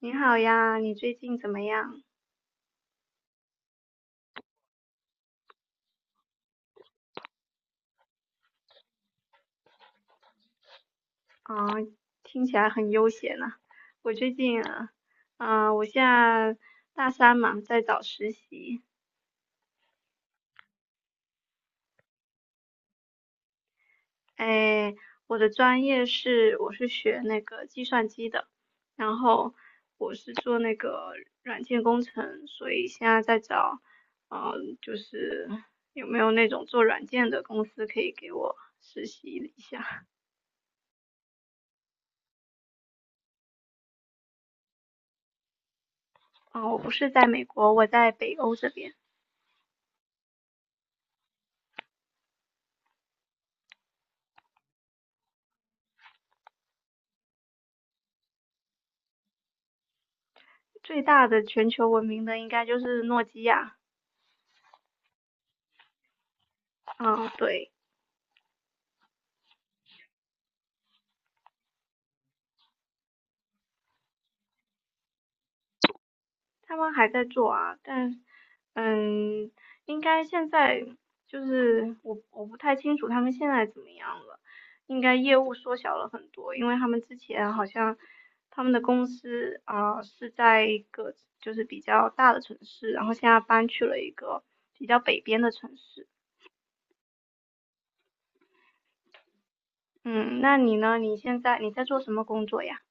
你好呀，你最近怎么样？啊，听起来很悠闲呢。我最近，我现在大三嘛，在找实习。哎，我的专业是我是学那个计算机的，然后我是做那个软件工程，所以现在在找，就是有没有那种做软件的公司可以给我实习一下？啊，我不是在美国，我在北欧这边。最大的全球闻名的应该就是诺基亚，嗯，对，他们还在做啊，但嗯，应该现在就是我不太清楚他们现在怎么样了，应该业务缩小了很多，因为他们之前好像他们的公司啊、是在一个就是比较大的城市，然后现在搬去了一个比较北边的城市。嗯，那你呢？你现在你在做什么工作呀？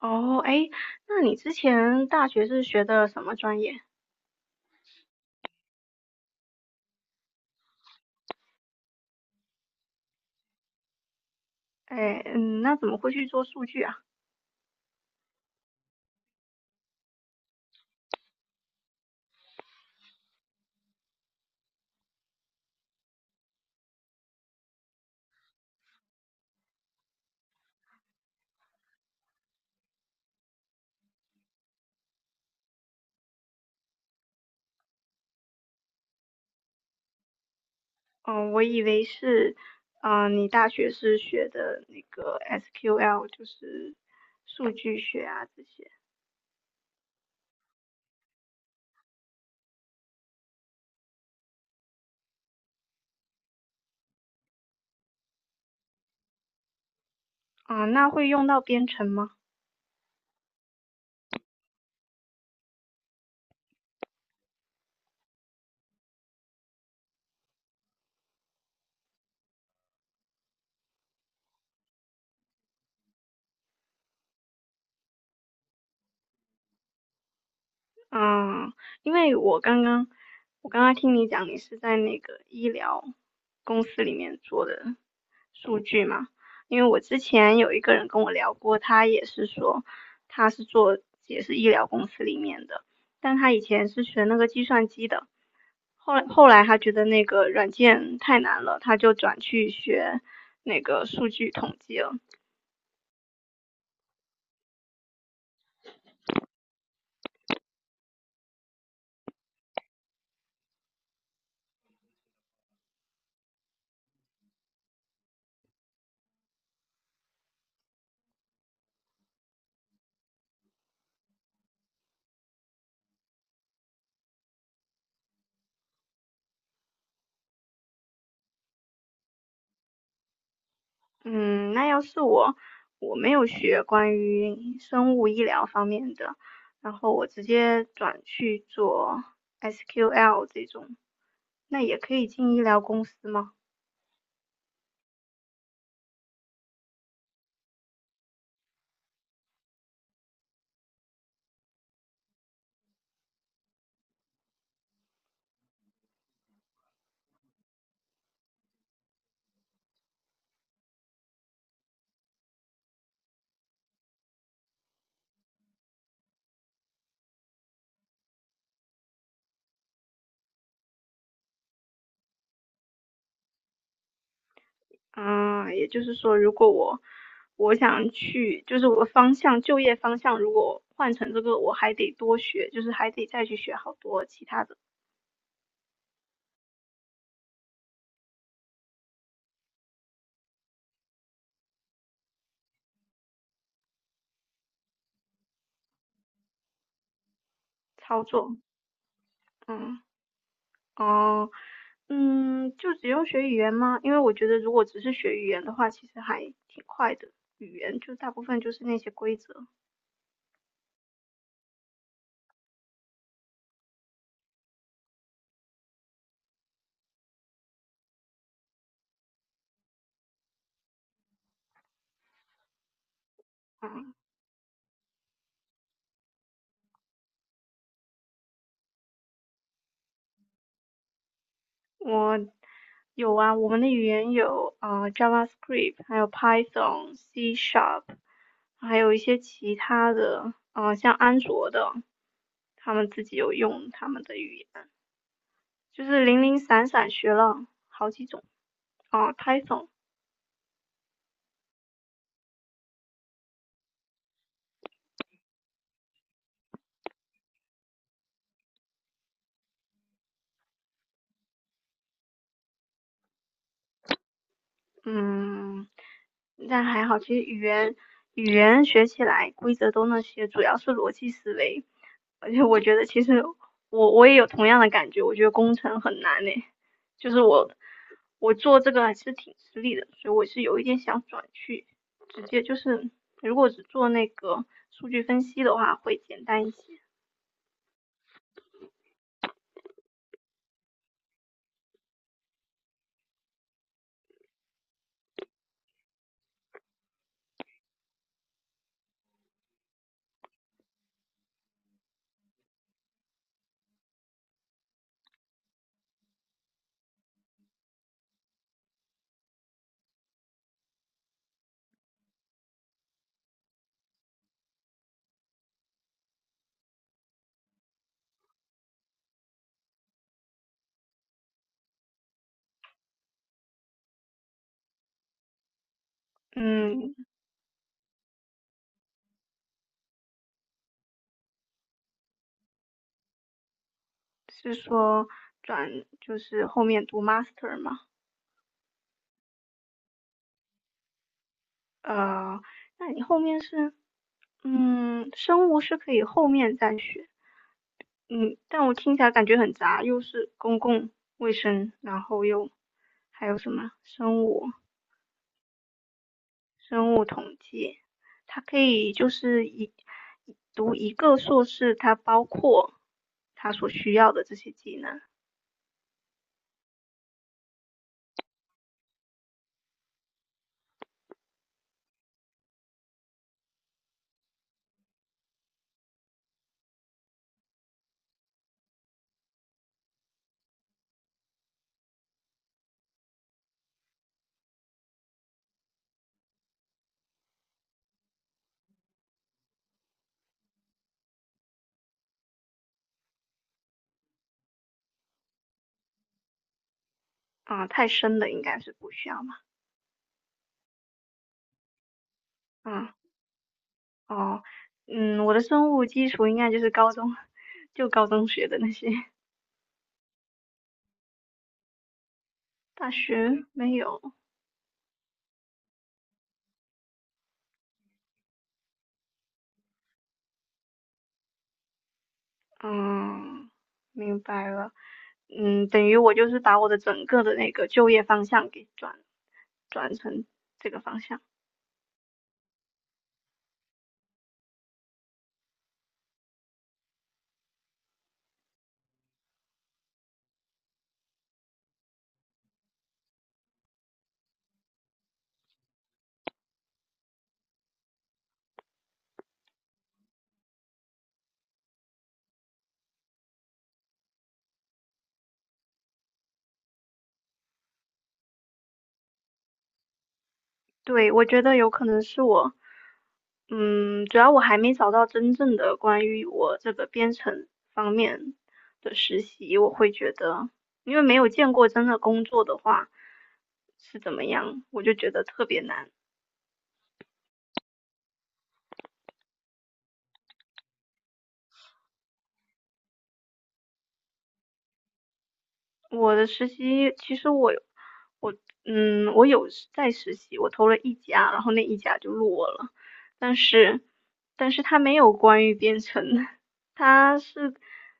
哦，哎，那你之前大学是学的什么专业？哎，那怎么会去做数据啊？哦，我以为是，你大学是学的那个 SQL，就是数据学啊这些。啊、那会用到编程吗？嗯，因为我刚刚听你讲，你是在那个医疗公司里面做的数据嘛？因为我之前有一个人跟我聊过，他也是说他是做也是医疗公司里面的，但他以前是学那个计算机的，后来他觉得那个软件太难了，他就转去学那个数据统计了。嗯，那要是我，我没有学关于生物医疗方面的，然后我直接转去做 SQL 这种，那也可以进医疗公司吗？嗯，也就是说，如果我想去，就是我方向就业方向，如果换成这个，我还得多学，就是还得再去学好多其他的操作。嗯。哦，就只用学语言吗？因为我觉得如果只是学语言的话，其实还挺快的。语言就大部分就是那些规则。嗯，我有啊，我们的语言有JavaScript，还有 Python、C Sharp，还有一些其他的，像安卓的，他们自己有用他们的语言，就是零零散散学了好几种。啊 Python 嗯，但还好，其实语言学起来规则都那些，主要是逻辑思维。而且我觉得其实我也有同样的感觉，我觉得工程很难呢，就是我做这个还是挺吃力的，所以我是有一点想转去，直接就是如果只做那个数据分析的话会简单一些。嗯，是说转就是后面读 master 吗？呃，那你后面是，生物是可以后面再学，嗯，但我听起来感觉很杂，又是公共卫生，然后又还有什么生物统计，它可以就是读一个硕士，它包括它所需要的这些技能啊，太深的应该是不需要嘛，啊，哦，我的生物基础应该就是高中 就高中学的那些。大学没有，嗯，明白了，等于我就是把我的整个的那个就业方向给转成这个方向。对，我觉得有可能是我，主要我还没找到真正的关于我这个编程方面的实习，我会觉得，因为没有见过真的工作的话是怎么样，我就觉得特别难。我的实习其实我有我我有在实习，我投了一家，然后那一家就落了，但是他没有关于编程的，它是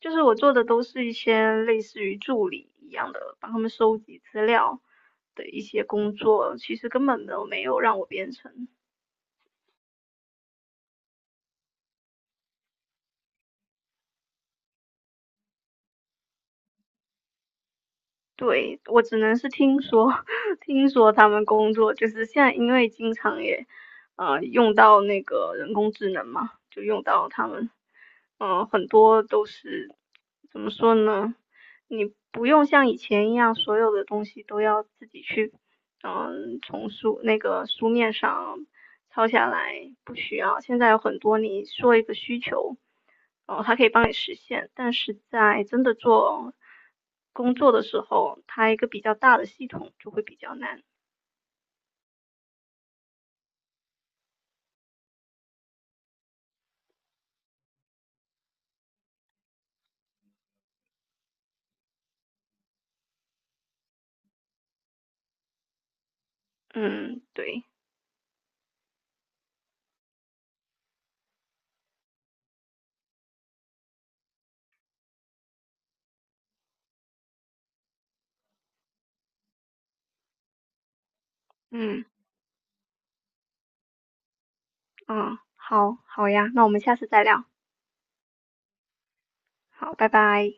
就是我做的都是一些类似于助理一样的，帮他们收集资料的一些工作，其实根本都没有让我编程。对，我只能是听说，听说他们工作就是现在，因为经常也，用到那个人工智能嘛，就用到他们，很多都是怎么说呢？你不用像以前一样，所有的东西都要自己去，从那个书面上抄下来，不需要。现在有很多你说一个需求，哦，它可以帮你实现，但是在真的做工作的时候，它一个比较大的系统就会比较难。嗯，对，嗯。啊，好，好呀，那我们下次再聊。好，拜拜。